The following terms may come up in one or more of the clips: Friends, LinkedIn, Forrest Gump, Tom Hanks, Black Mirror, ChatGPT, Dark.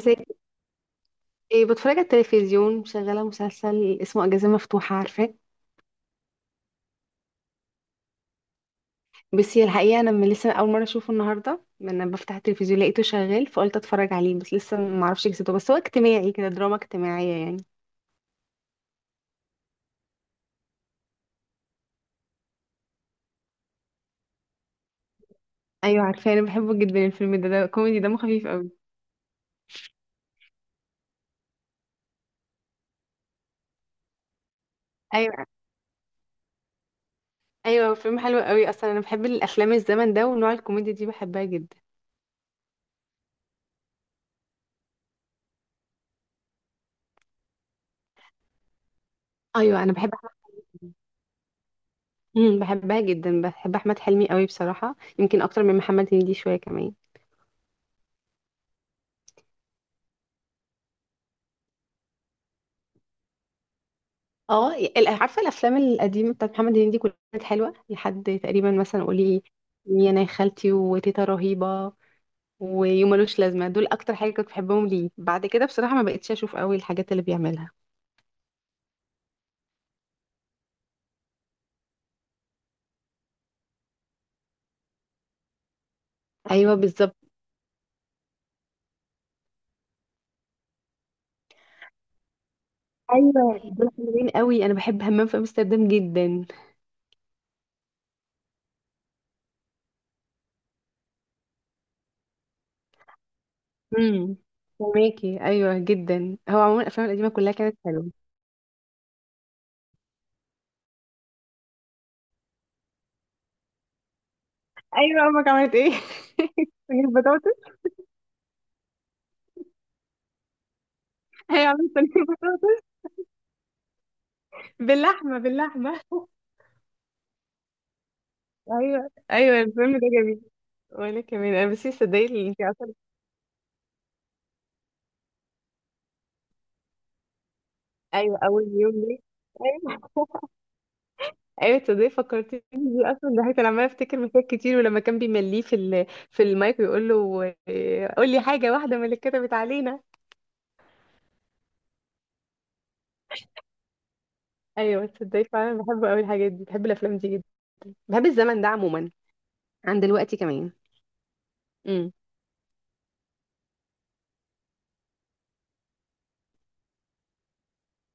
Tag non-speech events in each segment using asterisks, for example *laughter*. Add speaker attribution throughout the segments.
Speaker 1: زي ايه؟ بتفرج على التلفزيون، شغاله مسلسل اسمه اجازه مفتوحه، عارفاه؟ بس هي الحقيقه انا من لسه اول مره اشوفه النهارده، من بفتح التلفزيون لقيته شغال فقلت اتفرج عليه، بس لسه ما اعرفش قصته، بس هو اجتماعي كده، دراما اجتماعيه يعني. ايوه عارفاه، انا بحبه جدا الفيلم ده كوميدي دمه خفيف قوي. ايوه ايوه، فيلم حلو قوي، اصلا انا بحب الافلام الزمن ده، ونوع الكوميديا دي بحبها جدا. ايوه انا بحب احمد. بحبها جدا، بحب احمد حلمي قوي بصراحه، يمكن اكتر من محمد هنيدي شويه كمان. اه عارفه الافلام القديمه بتاعت محمد هنيدي كلها كانت حلوه لحد تقريبا مثلا، قولي يا انا يا خالتي، وتيتا رهيبه، ويوم ملوش لازمه، دول اكتر حاجه كنت بحبهم ليه، بعد كده بصراحه ما بقتش اشوف قوي الحاجات اللي بيعملها. ايوه بالظبط. ايوه دول حلوين قوي، انا بحب همام في امستردام جدا. امم فهماكي، ايوه جدا، هو عموما الافلام القديمه كلها كانت حلوه. ايوه امك عملت ايه *laughs* صينيه بطاطس. هي عملت صينيه بطاطس باللحمه، باللحمه ايوه. ايوه الفيلم ده جميل، وانا كمان انا بس تصدقي اللي انت اصلا. ايوه اول يوم ليه. ايوه ايوه تصدقي فكرتيني بيه، اصلا ده انا عماله افتكر مشاهد كتير، ولما كان بيمليه في المايك ويقول له إيه، قول لي حاجه واحده من اللي كتبت علينا. ايوه تصدقي فعلا، بحب قوي الحاجات دي، بحب الافلام دي جدا، بحب الزمن ده عموما عن دلوقتي كمان. امم.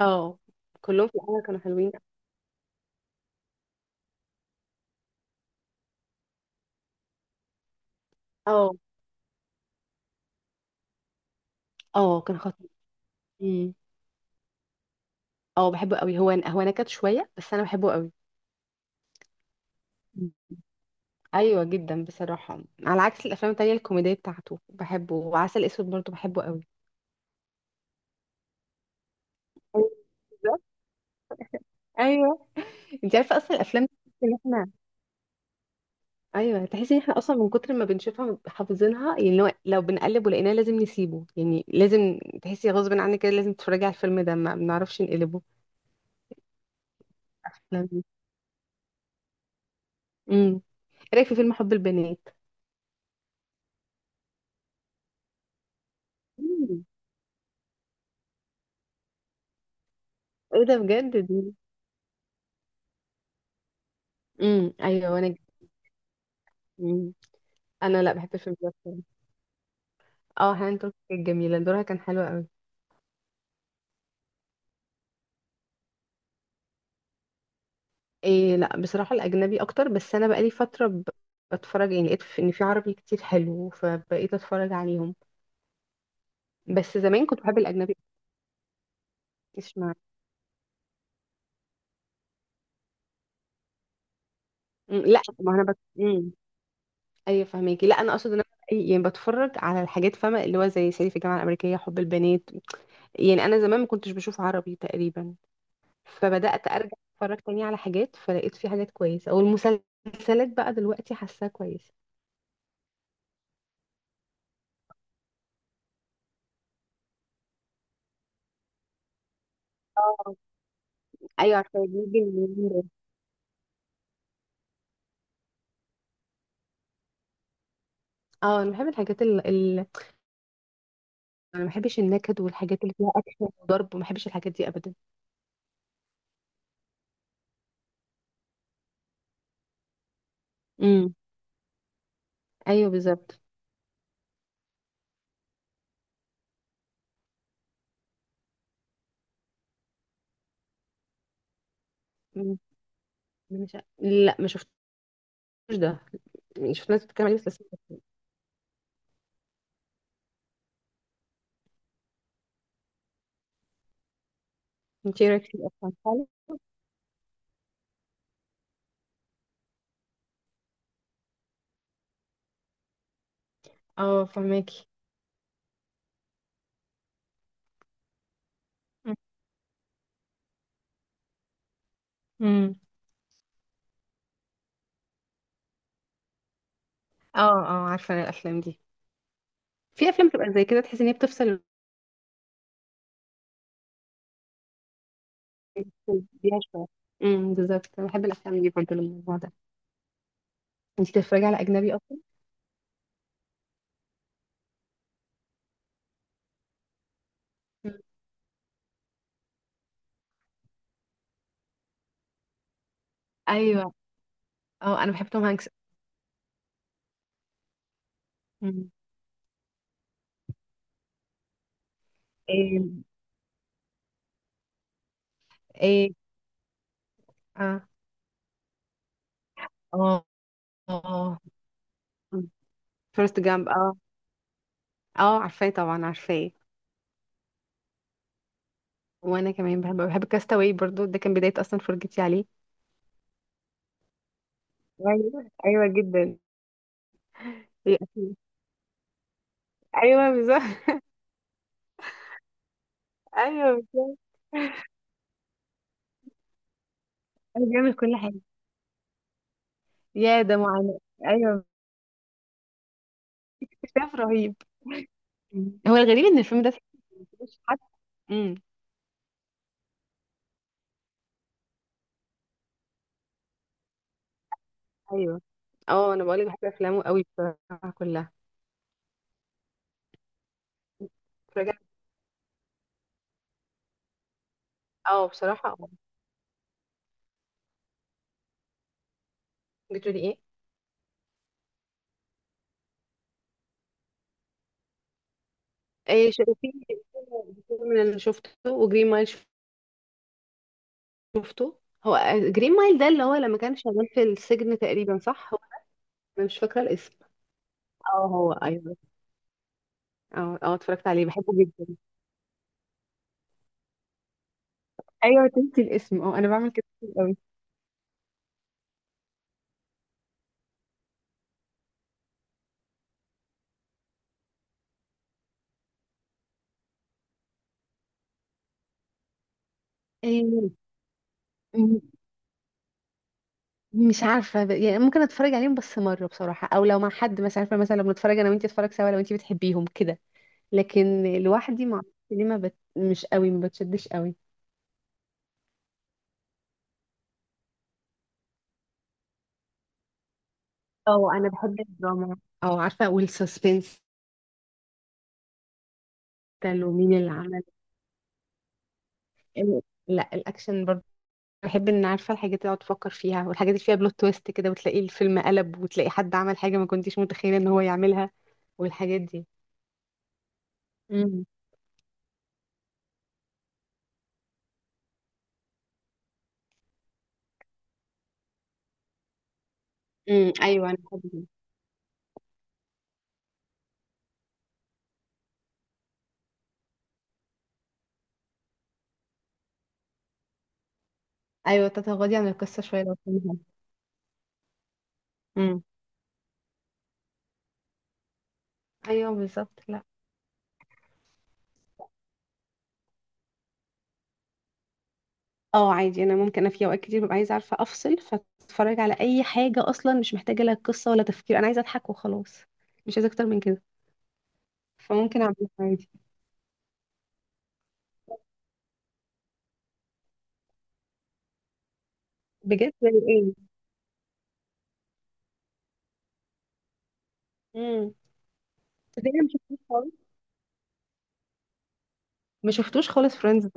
Speaker 1: اه كلهم في الاول كانوا حلوين. اه اه كان خطير. امم. اه بحبه قوي، هو نكت شويه بس انا بحبه قوي. ايوه جدا بصراحه، على عكس الافلام التانية الكوميديه بتاعته بحبه، وعسل اسود برضه بحبه قوي. أيوة بالظبط. أيوة. انت عارفه اصلا الافلام دي تحس ان احنا. ايوه تحس ان احنا اصلا من كتر ما بنشوفها حافظينها، يعني لو بنقلب ولقيناه لازم نسيبه، يعني لازم تحسي غصب عنك كده لازم تتفرجي على الفيلم ده، ما بنعرفش نقلبه الافلام دي. امم. إيه رايك في فيلم حب البنات؟ مم. ايه ده بجد دي. ايوه وانا. مم. انا لا بحب الفيلم ده بصراحة. اه هانت كانت جميله، دورها كان حلو قوي. إيه لا بصراحة الأجنبي أكتر، بس أنا بقالي فترة بتفرج يعني، لقيت إن في عربي كتير حلو فبقيت أتفرج عليهم، بس زمان كنت بحب الأجنبي. اسمع. مم، لا ما أنا بت... مم. أيوة فهميكي، لا أنا أقصد إن أنا يعني بتفرج على الحاجات فاهمة، اللي هو زي صعيدي في الجامعة الأمريكية، حب البنات، يعني أنا زمان ما كنتش بشوف عربي تقريبا، فبدأت أرجع أتفرج تاني على حاجات، فلقيت في حاجات كويسة، أو المسلسلات بقى دلوقتي حاساها كويسة. اه ايوه عارفه، بيجي من اليومين دول. اه انا بحب الحاجات، انا ما بحبش النكد والحاجات اللي فيها اكشن وضرب، وما بحبش الحاجات دي ابدا. امم ايوه بالظبط. مم. أنا مش لا ما شفتوش ده، يعني شفت ناس بتتكلم عليه بس انت ايه رايك فيه اصلا فعلا؟ اه فهماكي. امم. اه اه عارفه أنا الافلام دي، في افلام بتبقى زي كده تحس ان هي بتفصل بيها شويه. بالظبط، انا بحب الافلام دي برضه للموضوع ده. انت بتتفرجي على اجنبي اصلا؟ مم. ايوه. اه انا بحب توم هانكس. مم. ايه. ايه. اه. اه فيرست جامب، اه Forrest Gump. اه عارفاه طبعا عارفاه. وانا كمان بحب كاستاوي برضو، ده كان بداية اصلا فرجتي عليه. ايوه ايوه جدا. هي أكيد. ايوه بالظبط. ايوه بالظبط. أنا بيعمل كل حاجه. يا ده معاناة. ايوه. اكتشاف رهيب. مم. هو الغريب ان الفيلم ده مش حد. امم. ايوه. اه انا بقولك بحب افلامه قوي بصراحه كلها. رجعت. اه بصراحه اه. بتقولي ايه؟ ايه شايفين. الفيلم اللي شفته، وجرين مايل شفته. هو جرين مايل ده اللي هو لما كان شغال في السجن تقريبا، صح هو. انا مش فاكره الاسم. اه هو ايوه. اه اه اتفرجت عليه بحبه جدا. ايوه تنسي الاسم، اه انا بعمل كده كتير قوي. إيه، م- مش عارفه يعني ممكن اتفرج عليهم بس مره بصراحه، او لو مع حد مثلا، عارفه مثلا لو بنتفرج انا وانتي اتفرج سوا، لو انتي بتحبيهم كده، لكن لوحدي ما اعرفش ليه ما بت... مش قوي ما بتشدش قوي. اه انا بحب الدراما. اه عارفه والسسبنس. ده، ومين اللي عمل. لا الاكشن برضه، بحب ان عارفه الحاجات اللي اقعد افكر فيها، والحاجات اللي فيها بلوت تويست كده، وتلاقي الفيلم قلب، وتلاقي حد عمل حاجه ما كنتيش متخيله ان هو يعملها، والحاجات دي. امم. ايوه انا بحب كده. ايوه تتغاضي عن القصه شويه لو فيها. امم ايوه بالظبط. لا اه عادي، انا ممكن، انا في اوقات كتير ببقى عايزه عارفه افصل، فاتفرج على اي حاجه اصلا مش محتاجه لها قصه ولا تفكير، انا عايزه اضحك وخلاص، مش عايزه اكتر من كده. فممكن اعمل عادي. بجد زي ايه؟ امم. ده أنا ما شفتوش خالص، ما شفتوش خالص فريندز.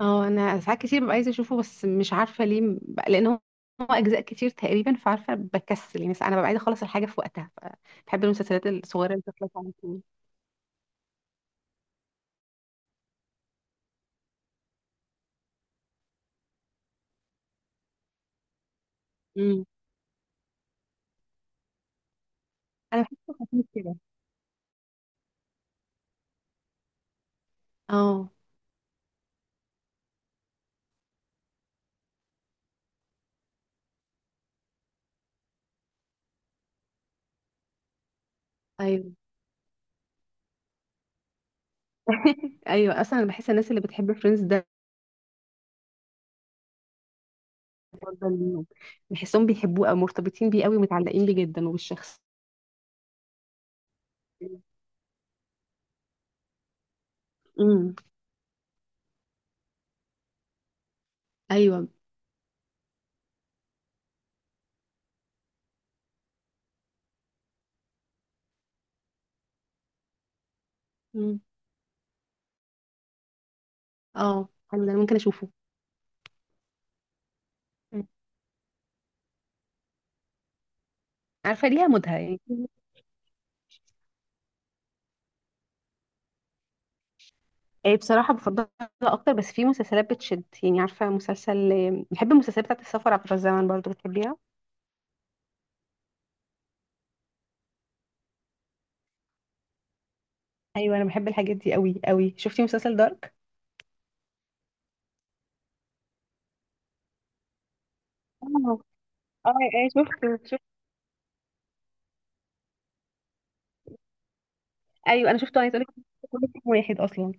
Speaker 1: اه انا ساعات كتير ببقى عايزه اشوفه، بس مش عارفه ليه، لان هو، هو اجزاء كتير تقريبا، فعارفه بكسل، يعني ساعات انا ببقى عايزه اخلص الحاجه في وقتها بحب المسلسلات الصغيره اللي بتخلص على طول. امم. انا بحسه خفيف كده. اه ايوه. *laughs* ايوه اصلا انا بحس الناس اللي بتحب فريندز ده، أفضل ليهم. بحسهم بيحبوه او مرتبطين بيه قوي ومتعلقين بيه جدا وبالشخص. امم. ايوه. امم. اه حلو، ده أنا ممكن اشوفه. مم. عارفه ليها مودها يعني. إيه بصراحة بفضلها أكتر، بس في مسلسلات بتشد، يعني عارفة مسلسل بحب المسلسلات بتاعت السفر عبر الزمن، برضو بتحبيها؟ ايوه انا بحب الحاجات دي قوي قوي، شفتي مسلسل دارك؟ اه. اه. ايه؟ شفت شفت. أيوة أنا شفته عايزة أقولك، كله في واحد اصلا.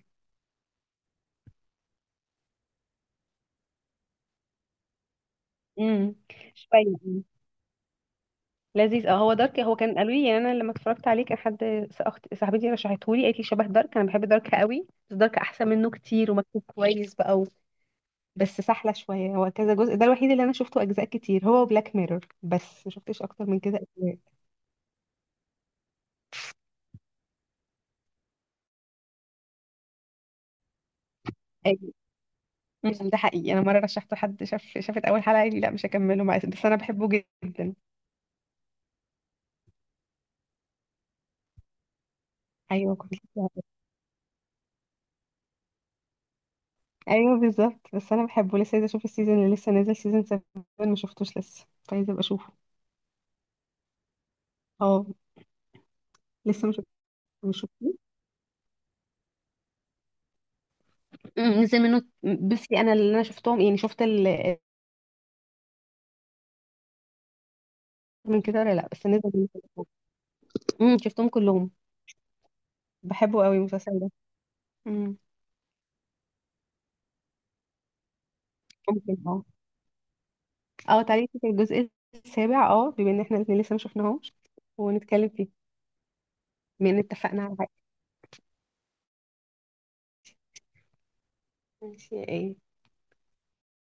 Speaker 1: امم. شويه يعني. لذيذ اه، هو دارك هو كان قالوا لي يعني، انا لما اتفرجت عليه كان حد، اخت صاحبتي رشحته لي، قالت لي شبه دارك، انا بحب دارك قوي، بس دارك احسن منه كتير، ومكتوب كويس بقى، بس سحلة شوية، هو كذا جزء، ده الوحيد اللي أنا شفته أجزاء كتير هو بلاك ميرور، بس ما شفتش أكتر من كده أجزاء. أيوة. مم، ده حقيقي، أنا مرة رشحته حد، شاف شافت أول حلقة قال لي لا مش هكمله معاك، بس أنا بحبه جدا. أيوة كنت لسه هقول. أيوة بالظبط، بس أنا بحبه، لسه عايزة أشوف السيزون اللي لسه نازل، سيزون 7 ما شفتوش لسه، فعايزة أبقى أشوفه. أه لسه مش شفتوه. مم، نزل منه، بصي أنا اللي أنا شفتهم يعني شفت ال، من كده ولا لا بس نزل منه. *laughs* مم، شفتهم كلهم. بحبه قوي المسلسل ده. مم. ممكن اه. اه تعالي نشوف الجزء السابع، اه بما ان احنا الاتنين لسه ما شفناهوش، ونتكلم فيه، بما ان اتفقنا على حاجة. ماشي ايه